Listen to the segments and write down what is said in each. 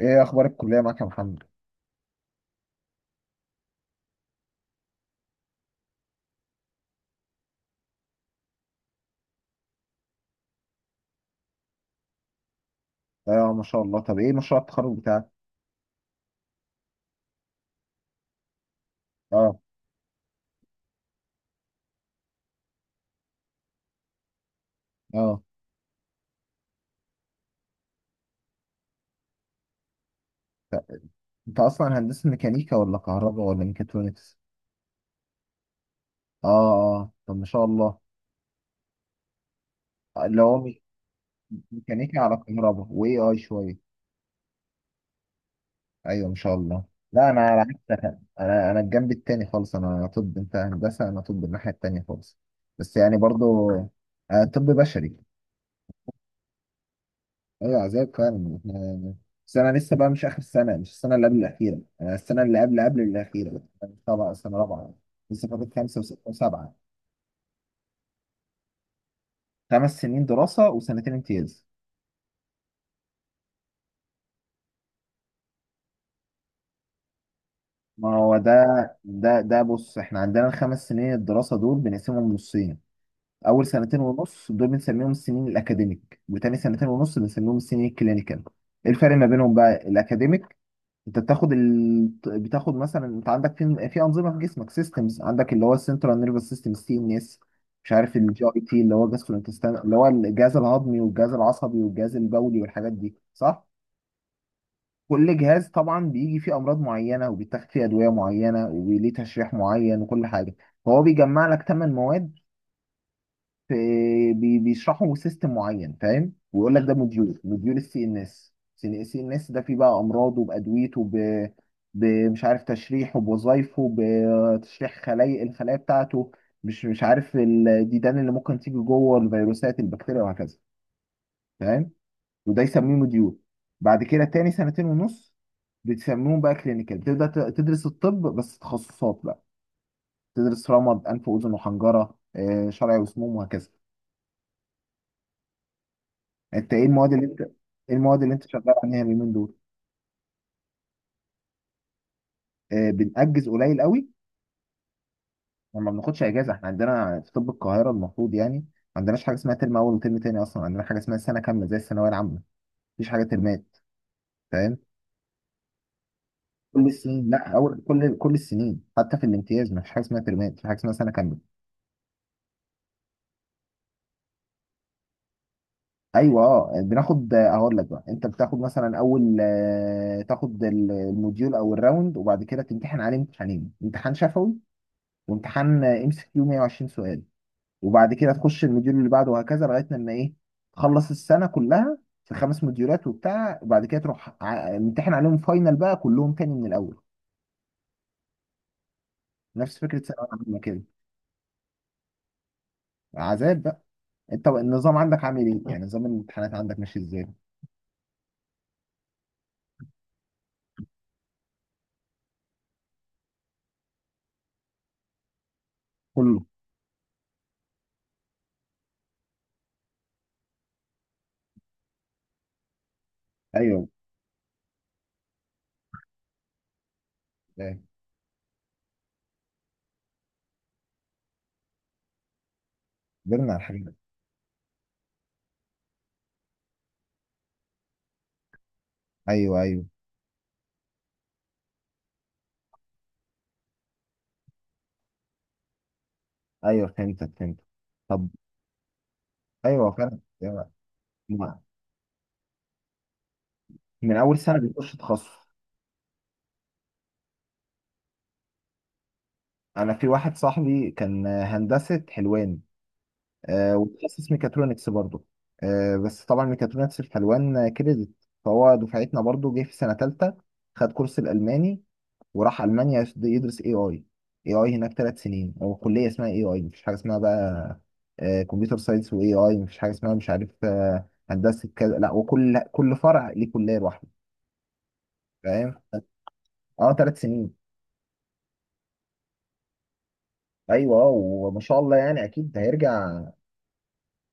ايه اخبار الكليه معاك يا محمد؟ اه، ما شاء الله. طب ايه مشروع التخرج بتاعك؟ اه اه انت اصلا هندسه ميكانيكا ولا كهرباء ولا ميكاترونكس؟ اه، طب ما شاء الله. اللي هو ميكانيكا على كهرباء واي اي شويه. ايوه، ما شاء الله. لا، انا على عكسك. انا الجنب التاني خالص. انا طب، انت هندسه. انا طب، الناحيه التانيه خالص. بس يعني برضو. آه، طب بشري. ايوه، عذاب فعلا احنا. بس انا لسه بقى مش اخر السنه، مش السنه اللي قبل الاخيره، انا السنه اللي قبل قبل الاخيره، طبعا سنه رابعه. لسه فاضل خمسه وسته وسبعه. خمس سنين دراسه وسنتين امتياز. ما هو ده. ده بص، احنا عندنا الخمس سنين الدراسه دول بنقسمهم نصين. اول سنتين ونص دول بنسميهم السنين الاكاديميك، وتاني سنتين ونص بنسميهم السنين الكلينيكال. ايه الفرق ما بينهم بقى؟ الاكاديميك انت بتاخد مثلا، انت عندك في انظمه في جسمك، سيستمز، عندك اللي هو السنترال نيرفس سيستم، السي ان اس، مش عارف الجي اي تي اللي هو جاسترو انتستان، اللي هو الجهاز الهضمي والجهاز العصبي والجهاز البولي والحاجات دي، صح؟ كل جهاز طبعا بيجي فيه امراض معينه وبيتاخد فيه ادويه معينه وليه تشريح معين وكل حاجه. فهو بيجمع لك 8 مواد بيشرحوا سيستم معين، فاهم، ويقول لك ده موديول، موديول السي ان اس. السي ان اس ده فيه بقى امراضه بادويته بمش عارف تشريحه، بوظايفه، بتشريح خلايا، الخلايا بتاعته، مش عارف الديدان اللي ممكن تيجي جوه، الفيروسات، البكتيريا، وهكذا، فاهم. وده يسميه موديول. بعد كده تاني سنتين ونص بتسميهم بقى كلينيكال، بتبدا تدرس الطب بس تخصصات بقى. تدرس رمد، انف واذن وحنجره، شرعي وسموم وهكذا. انت ايه المواد اللي انت ايه المواد اللي انت شغال عليها اليومين دول؟ آه، بنأجز قليل قوي، وما بناخدش اجازه. احنا عندنا في طب القاهره المفروض يعني ما عندناش حاجه اسمها ترم اول وترم تاني، اصلا عندنا حاجه اسمها سنه كامله زي الثانويه العامه، مفيش حاجه ترمات، فاهم. كل السنين، لا اول، كل السنين، حتى في الامتياز مفيش حاجه اسمها ترمات، في حاجه اسمها سنه كامله. ايوه، بناخد، اقول لك بقى، انت بتاخد مثلا اول، تاخد الموديول او الراوند، وبعد كده تمتحن عليه امتحانين، امتحان شفوي وامتحان ام سي كيو، 120 سؤال، وبعد كده تخش المديول اللي بعده وهكذا لغايه لما ايه، تخلص السنه كلها. في 5 مديولات وبتاع، وبعد كده تروح امتحن عليهم فاينل بقى كلهم تاني من الاول، نفس فكره ثانويه عامه كده، عذاب بقى. انت بقى النظام عندك عامل ايه؟ يعني نظام الامتحانات عندك ماشي ازاي؟ كله. ايوه، فاهم. كبرنا على الحاجات دي. ايوه، ايوه. ايوه، فهمتك. طب. ايوه فعلا، أيوة. ما- من اول سنه بتخش تخصص. انا في واحد صاحبي كان هندسه حلوان، آه، وتخصص ميكاترونكس برضه، آه. بس طبعا ميكاترونكس في حلوان كريدت، فهو دفعتنا برضه جه في سنة تالتة، خد كورس الألماني، وراح ألمانيا يدرس اي اي. اي اي هناك 3 سنين، هو كلية اسمها اي اي، مفيش حاجة اسمها بقى كمبيوتر ساينس واي اي، مفيش حاجة اسمها مش عارف هندسة كذا لا، وكل فرع ليه كلية لوحده، فاهم. اه، 3 سنين. ايوه، وما شاء الله يعني اكيد هيرجع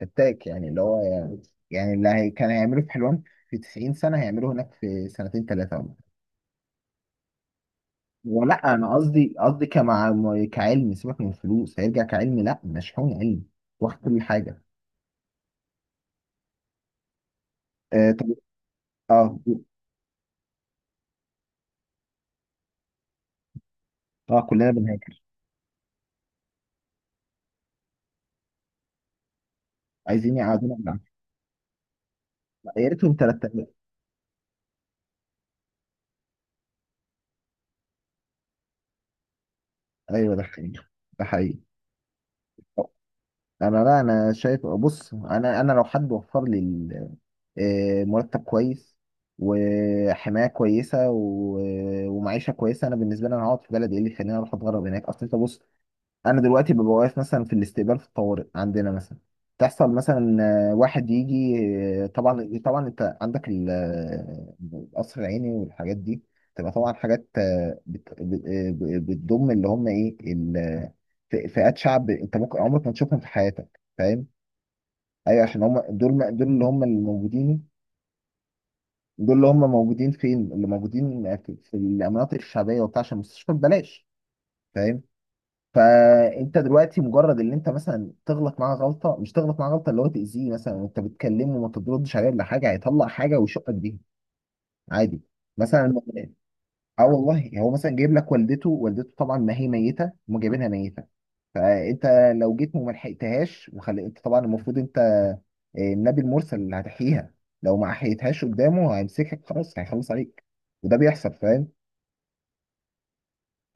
فتاك يعني، اللي هو يعني، يعني اللي هي كان هيعمله في حلوان في 90 سنة، هيعمله هناك في سنتين ثلاثة ولا حاجة. ولا أنا قصدي، قصدي كعلم. سيبك من الفلوس، هيرجع كعلم، لا مشحون علم، واخد كل حاجة. آه، طب. اه. اه، كلنا بنهاكر. عايزين يقعدونا بالعافية. يا ريتهم 3000. أيوه، ده حقيقي. ده حقيقي. انا لا، انا شايف، بص انا لو حد وفر لي آه، مرتب كويس وحمايه كويسه ومعيشه كويسه، انا بالنسبه لي انا هقعد في بلدي. ايه اللي يخليني اروح اتغرب هناك؟ اصل انت بص، انا دلوقتي ببقى واقف مثلا في الاستقبال في الطوارئ عندنا مثلا، تحصل مثلا، واحد يجي، طبعا طبعا انت عندك القصر العيني والحاجات دي، تبقى طبعا حاجات بتضم اللي هم ايه فئات شعب انت ممكن عمرك ما تشوفهم في حياتك، فاهم. ايوه عشان هم دول، دول اللي هم الموجودين، دول اللي هم موجودين فين؟ اللي موجودين في المناطق الشعبيه وبتاع، عشان المستشفى ببلاش، فاهم. فانت دلوقتي مجرد ان انت مثلا تغلط معاه غلطه، مش تغلط معاه غلطه، اللي هو تاذيه مثلا، وانت بتكلمه وما تردش عليه ولا حاجه، هيطلع حاجه ويشقك بيها، عادي، مثلا. اه والله، هو مثلا جايب لك والدته، والدته طبعا ما هي ميته، هم جايبينها ميته، فانت لو جيت وما لحقتهاش، وخلي انت طبعا المفروض انت النبي المرسل اللي هتحييها، لو ما حيتهاش قدامه هيمسكك خلاص، هيخلص عليك، وده بيحصل، فاهم.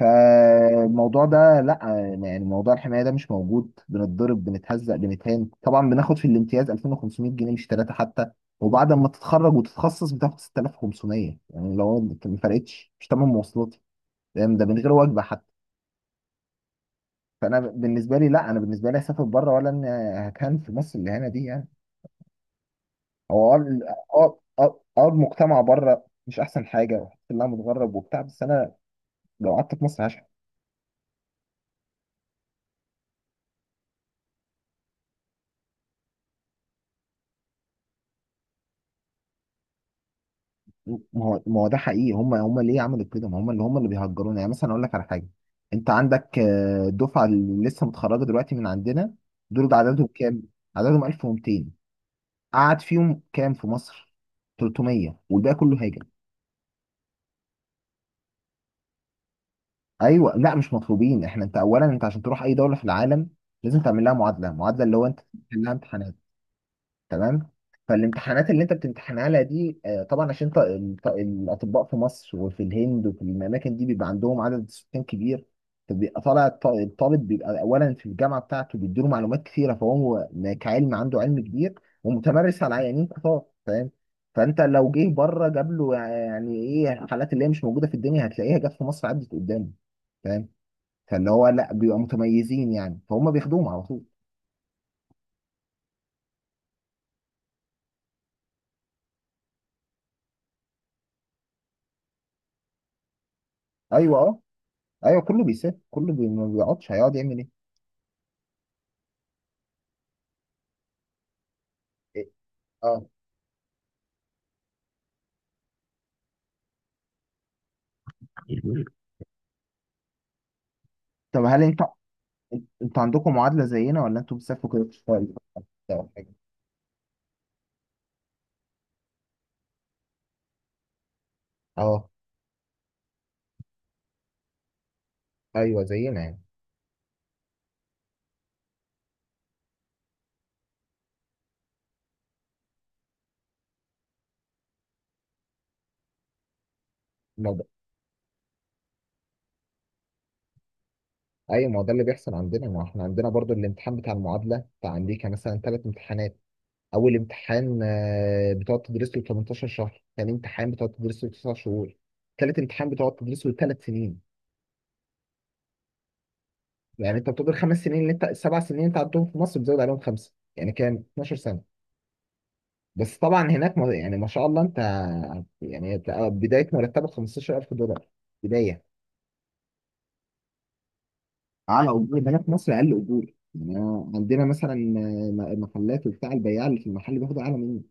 فالموضوع ده لا، يعني موضوع الحمايه ده مش موجود، بنتضرب، بنتهزق، بنتهان. طبعا بناخد في الامتياز 2500 جنيه، مش ثلاثه حتى، وبعد ما تتخرج وتتخصص بتاخد 6500، يعني لو ما فرقتش مش تمن مواصلاتي، فاهم؟ ده من غير وجبه حتى. فانا بالنسبه لي لا، انا بالنسبه لي اسافر بره ولا ان هكان في مصر الاهانه دي يعني. هو المجتمع بره مش احسن حاجه، وحتى اللي انا متغرب وبتاع، بس انا لو قعدت في مصر هشحت. ما ما هو ده حقيقي. هم ليه عملوا كده؟ ما هم اللي بيهجرونا. يعني مثلا اقول لك على حاجه، انت عندك الدفعه اللي لسه متخرجه دلوقتي من عندنا، دول عددهم كام؟ عددهم 1200. قعد فيهم كام في مصر؟ 300، والباقي كله هاجر. ايوه، لا مش مطلوبين احنا. انت اولا، انت عشان تروح اي دوله في العالم لازم تعمل لها معادله، معادله اللي هو انت تعمل لها امتحانات، تمام؟ فالامتحانات اللي انت بتمتحن عليها دي طبعا عشان الاطباء في مصر وفي الهند وفي الاماكن دي بيبقى عندهم عدد سكان كبير، فبيبقى طالع الطالب، بيبقى اولا في الجامعه بتاعته بيديله معلومات كثيره، فهو كعلم عنده علم كبير ومتمرس على عيانين كتار، فاهم. فانت لو جه بره جاب له يعني ايه، حالات اللي هي مش موجوده في الدنيا هتلاقيها جت في مصر عدت قدامه، فاهم. فاللي هو لا، بيبقى متميزين يعني، فهم بياخدوهم على طول. ايوه، اه. ايوه كله بيسافر، ما بيقعدش، هيقعد يعمل ايه؟ إيه؟ اه. يعني. طب هل انت، انتوا عندكم معادله زينا، ولا انتوا بتسافروا كده بتشتغلوا بس، أو حاجة؟ اه. ايوه، زينا يعني. ما ده، ايوه ما هو ده اللي بيحصل عندنا. ما احنا عندنا برضو الامتحان بتاع المعادله بتاع امريكا مثلا 3 امتحانات. اول امتحان بتقعد تدرس له 18 شهر، ثاني امتحان بتقعد تدرس له 9 شهور، ثالث امتحان بتقعد تدرس له 3 سنين. يعني انت بتقعد ال5 سنين اللي انت، ال7 سنين اللي انت عندهم في مصر، بتزود عليهم خمسه، يعني كام، 12. بس طبعا هناك يعني ما شاء الله انت، يعني أنت بدايه مرتبك 15000 دولار، بدايه. على اجور ده، هنا في مصر اقل اجور، يعني أنا عندنا مثلا محلات وبتاع، البياع اللي في المحل بياخد اعلى مني.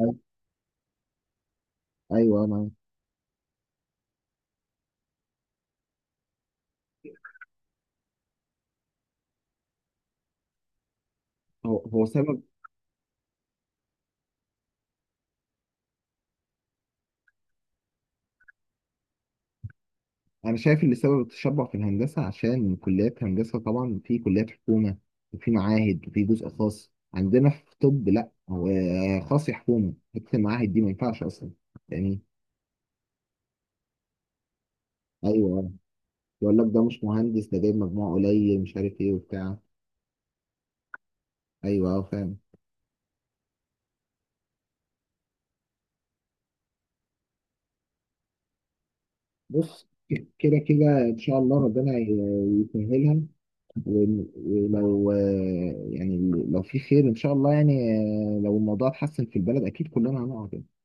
أيوة. أيوة، انا. هو سبب. انا شايف اللي سبب التشبع في الهندسه عشان كليات هندسه، طبعا في كليات حكومه وفي معاهد وفي جزء خاص. عندنا في طب لا، هو خاص يا حكومه، حته المعاهد دي ما ينفعش اصلا يعني. ايوه. يقول لك ده مش مهندس، ده جايب مجموع قليل مش عارف ايه وبتاع. ايوه، اه، فاهم. بص كده كده ان شاء الله ربنا يسهلها، ولو يعني، لو في خير ان شاء الله يعني، لو الموضوع اتحسن في البلد اكيد كلنا هنقعد يعني.